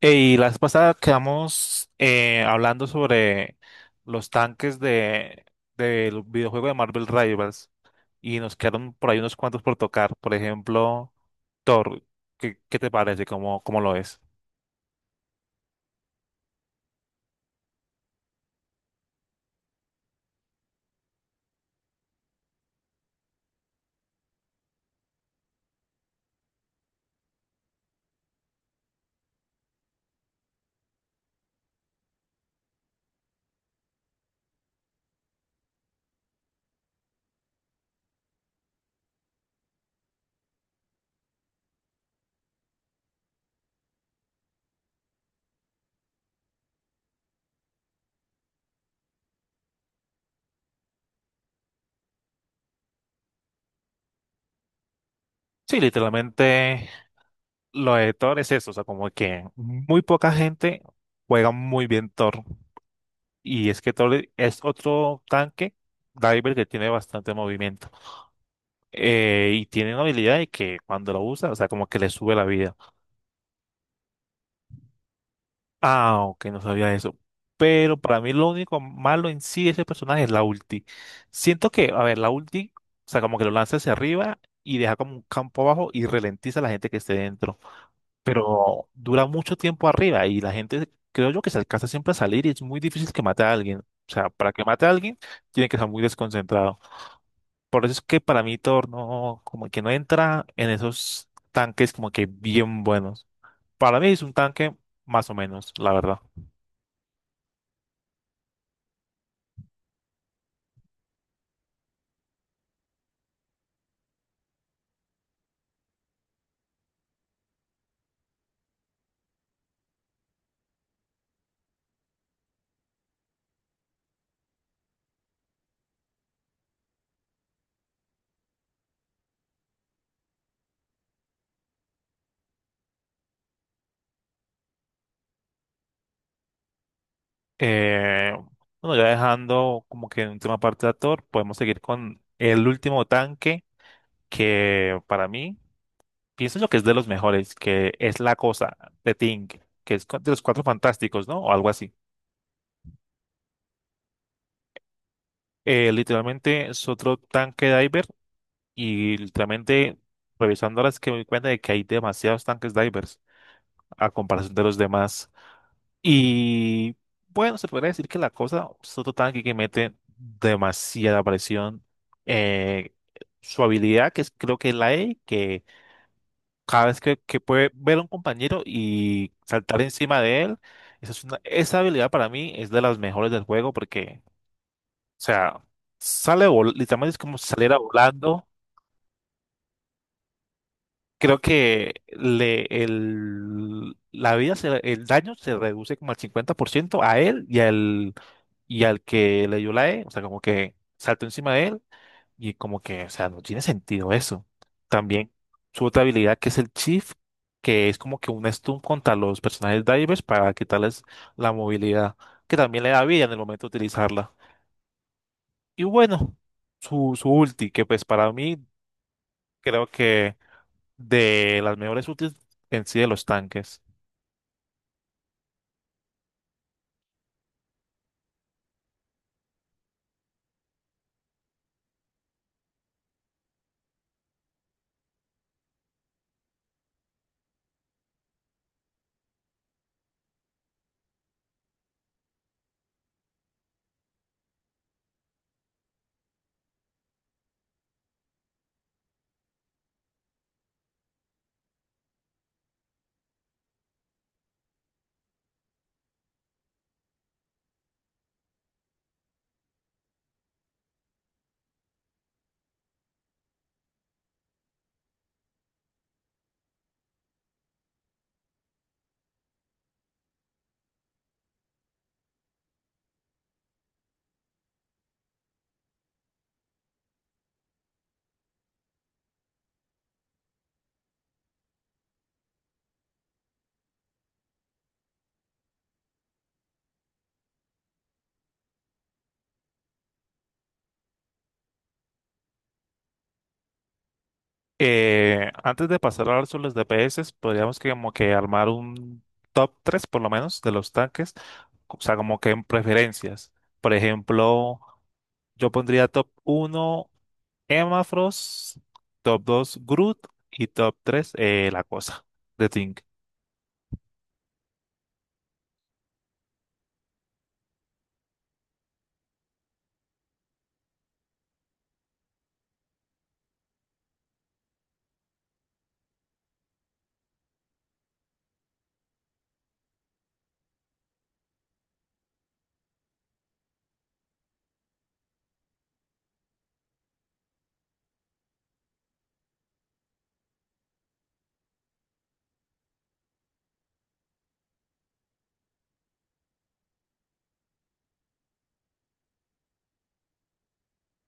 Y la vez pasada quedamos hablando sobre los tanques de del videojuego de Marvel Rivals y nos quedaron por ahí unos cuantos por tocar. Por ejemplo, Thor, ¿qué te parece? ¿Cómo lo es? Sí, literalmente lo de Thor es eso, o sea, como que muy poca gente juega muy bien Thor. Y es que Thor es otro tanque diver que tiene bastante movimiento, y tiene una habilidad de que cuando lo usa, o sea, como que le sube la vida. Ah, ok, no sabía eso. Pero para mí lo único malo en sí de ese personaje es la ulti. Siento que, a ver, la ulti, o sea, como que lo lanza hacia arriba y deja como un campo abajo y ralentiza a la gente que esté dentro. Pero dura mucho tiempo arriba y la gente, creo yo, que se alcanza siempre a salir y es muy difícil que mate a alguien. O sea, para que mate a alguien, tiene que estar muy desconcentrado. Por eso es que para mí Thor no, como que no entra en esos tanques como que bien buenos. Para mí es un tanque más o menos, la verdad. Eh, bueno, ya dejando como que en última parte de actor, podemos seguir con el último tanque que para mí pienso yo que es de los mejores, que es La Cosa de Thing, que es de los Cuatro Fantásticos, ¿no? O algo así. Literalmente es otro tanque diver y literalmente revisando ahora es que me doy cuenta de que hay demasiados tanques divers a comparación de los demás. Y bueno, se podría decir que la cosa, Soto Tanque que mete demasiada presión. eh, Su habilidad, que es, creo que es la E, que cada vez que puede ver a un compañero y saltar encima de él, esa habilidad para mí es de las mejores del juego porque, o sea, sale, literalmente es como si saliera volando. Creo que la vida, el daño se reduce como al 50% a él y al que le dio la E, o sea, como que saltó encima de él y como que, o sea, no tiene sentido eso. También su otra habilidad, que es el Chief, que es como que un stun contra los personajes divers para quitarles la movilidad, que también le da vida en el momento de utilizarla. Y bueno, su ulti, que pues para mí creo que de las mejores útiles en sí de los tanques. Antes de pasar a hablar sobre los DPS, podríamos que como que armar un top 3 por lo menos de los tanques, o sea, como que en preferencias. Por ejemplo, yo pondría top 1 emma frost, top 2 Groot y top 3 la cosa de Tink.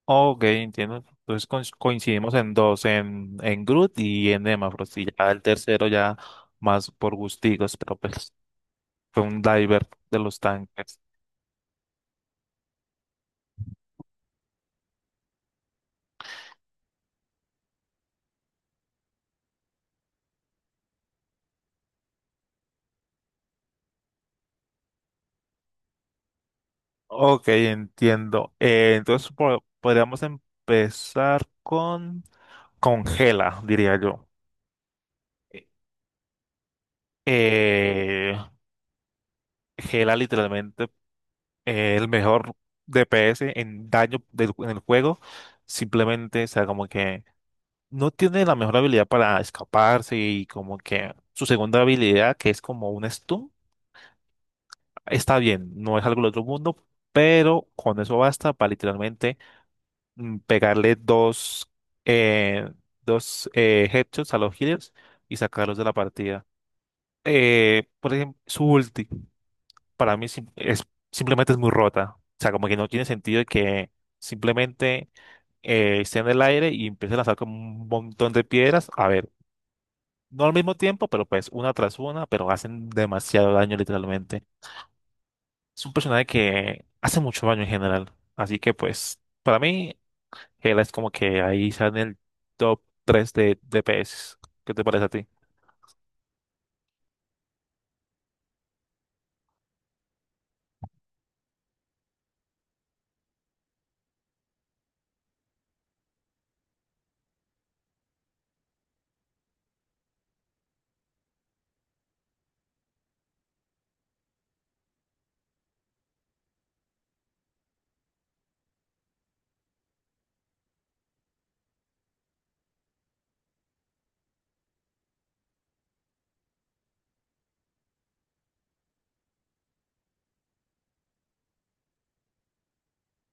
Ok, entiendo. Entonces coincidimos en dos, en Groot y en emma frost. Y ya el tercero ya más por gustigos, pero pues fue un diver de los tanques. Ok, entiendo. Entonces podríamos empezar con Gela, diría yo. Eh, Gela literalmente es el mejor DPS en daño en el juego. Simplemente, o sea, como que no tiene la mejor habilidad para escaparse y como que su segunda habilidad, que es como un stun, está bien, no es algo del otro mundo, pero con eso basta para literalmente, pegarle dos, eh, dos headshots a los healers y sacarlos de la partida. Por ejemplo, su ulti para mí simplemente es muy rota. O sea, como que no tiene sentido que simplemente esté en el aire y empiece a lanzar como un montón de piedras. A ver, no al mismo tiempo, pero pues una tras una, pero hacen demasiado daño literalmente. Es un personaje que hace mucho daño en general. Así que pues, para mí, Hela es como que ahí está en el top 3 de DPS. ¿Qué te parece a ti?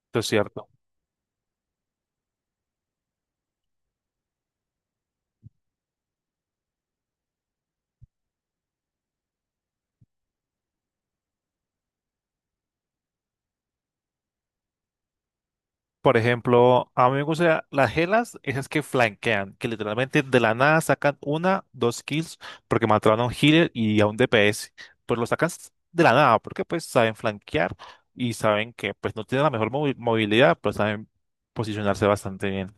Esto es cierto. Por ejemplo, a mí me gustan las helas, esas que flanquean, que literalmente de la nada sacan una, dos kills, porque mataron a un healer y a un DPS. Pues lo sacan de la nada, porque pues saben flanquear y saben que pues no tienen la mejor movilidad, pero saben posicionarse bastante bien.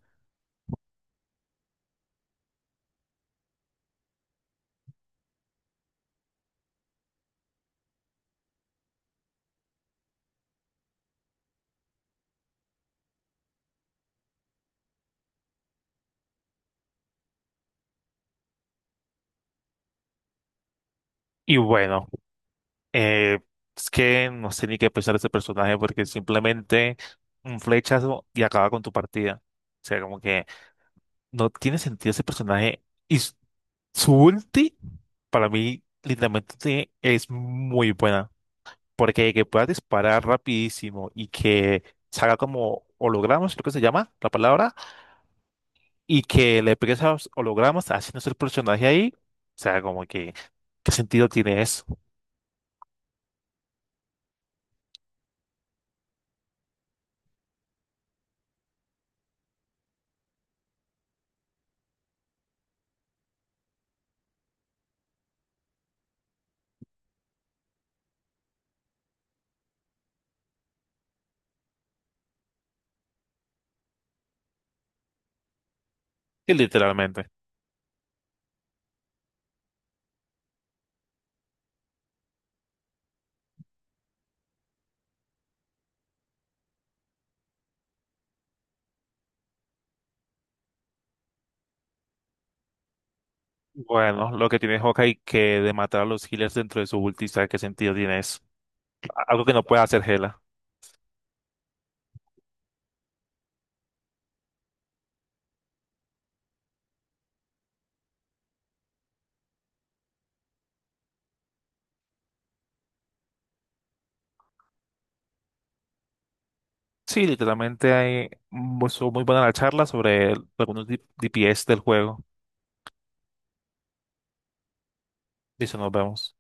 Y bueno, eh, es que no sé ni qué pensar de ese personaje porque simplemente un flechazo y acaba con tu partida. O sea, como que no tiene sentido ese personaje. Su ulti, para mí, literalmente es muy buena. Porque que pueda disparar rapidísimo y que salga como hologramas, creo que se llama la palabra, y que le pegues a los hologramas haciendo ese personaje ahí. O sea, como que, ¿qué sentido tiene eso? Y literalmente. Bueno, lo que tiene Hawkeye que de matar a los healers dentro de su ulti, ¿sabe qué sentido tiene eso? Algo que no puede hacer Hela. Sí, literalmente hay, estuvo muy buena la charla sobre algunos DPS del juego. Dice, nos vemos.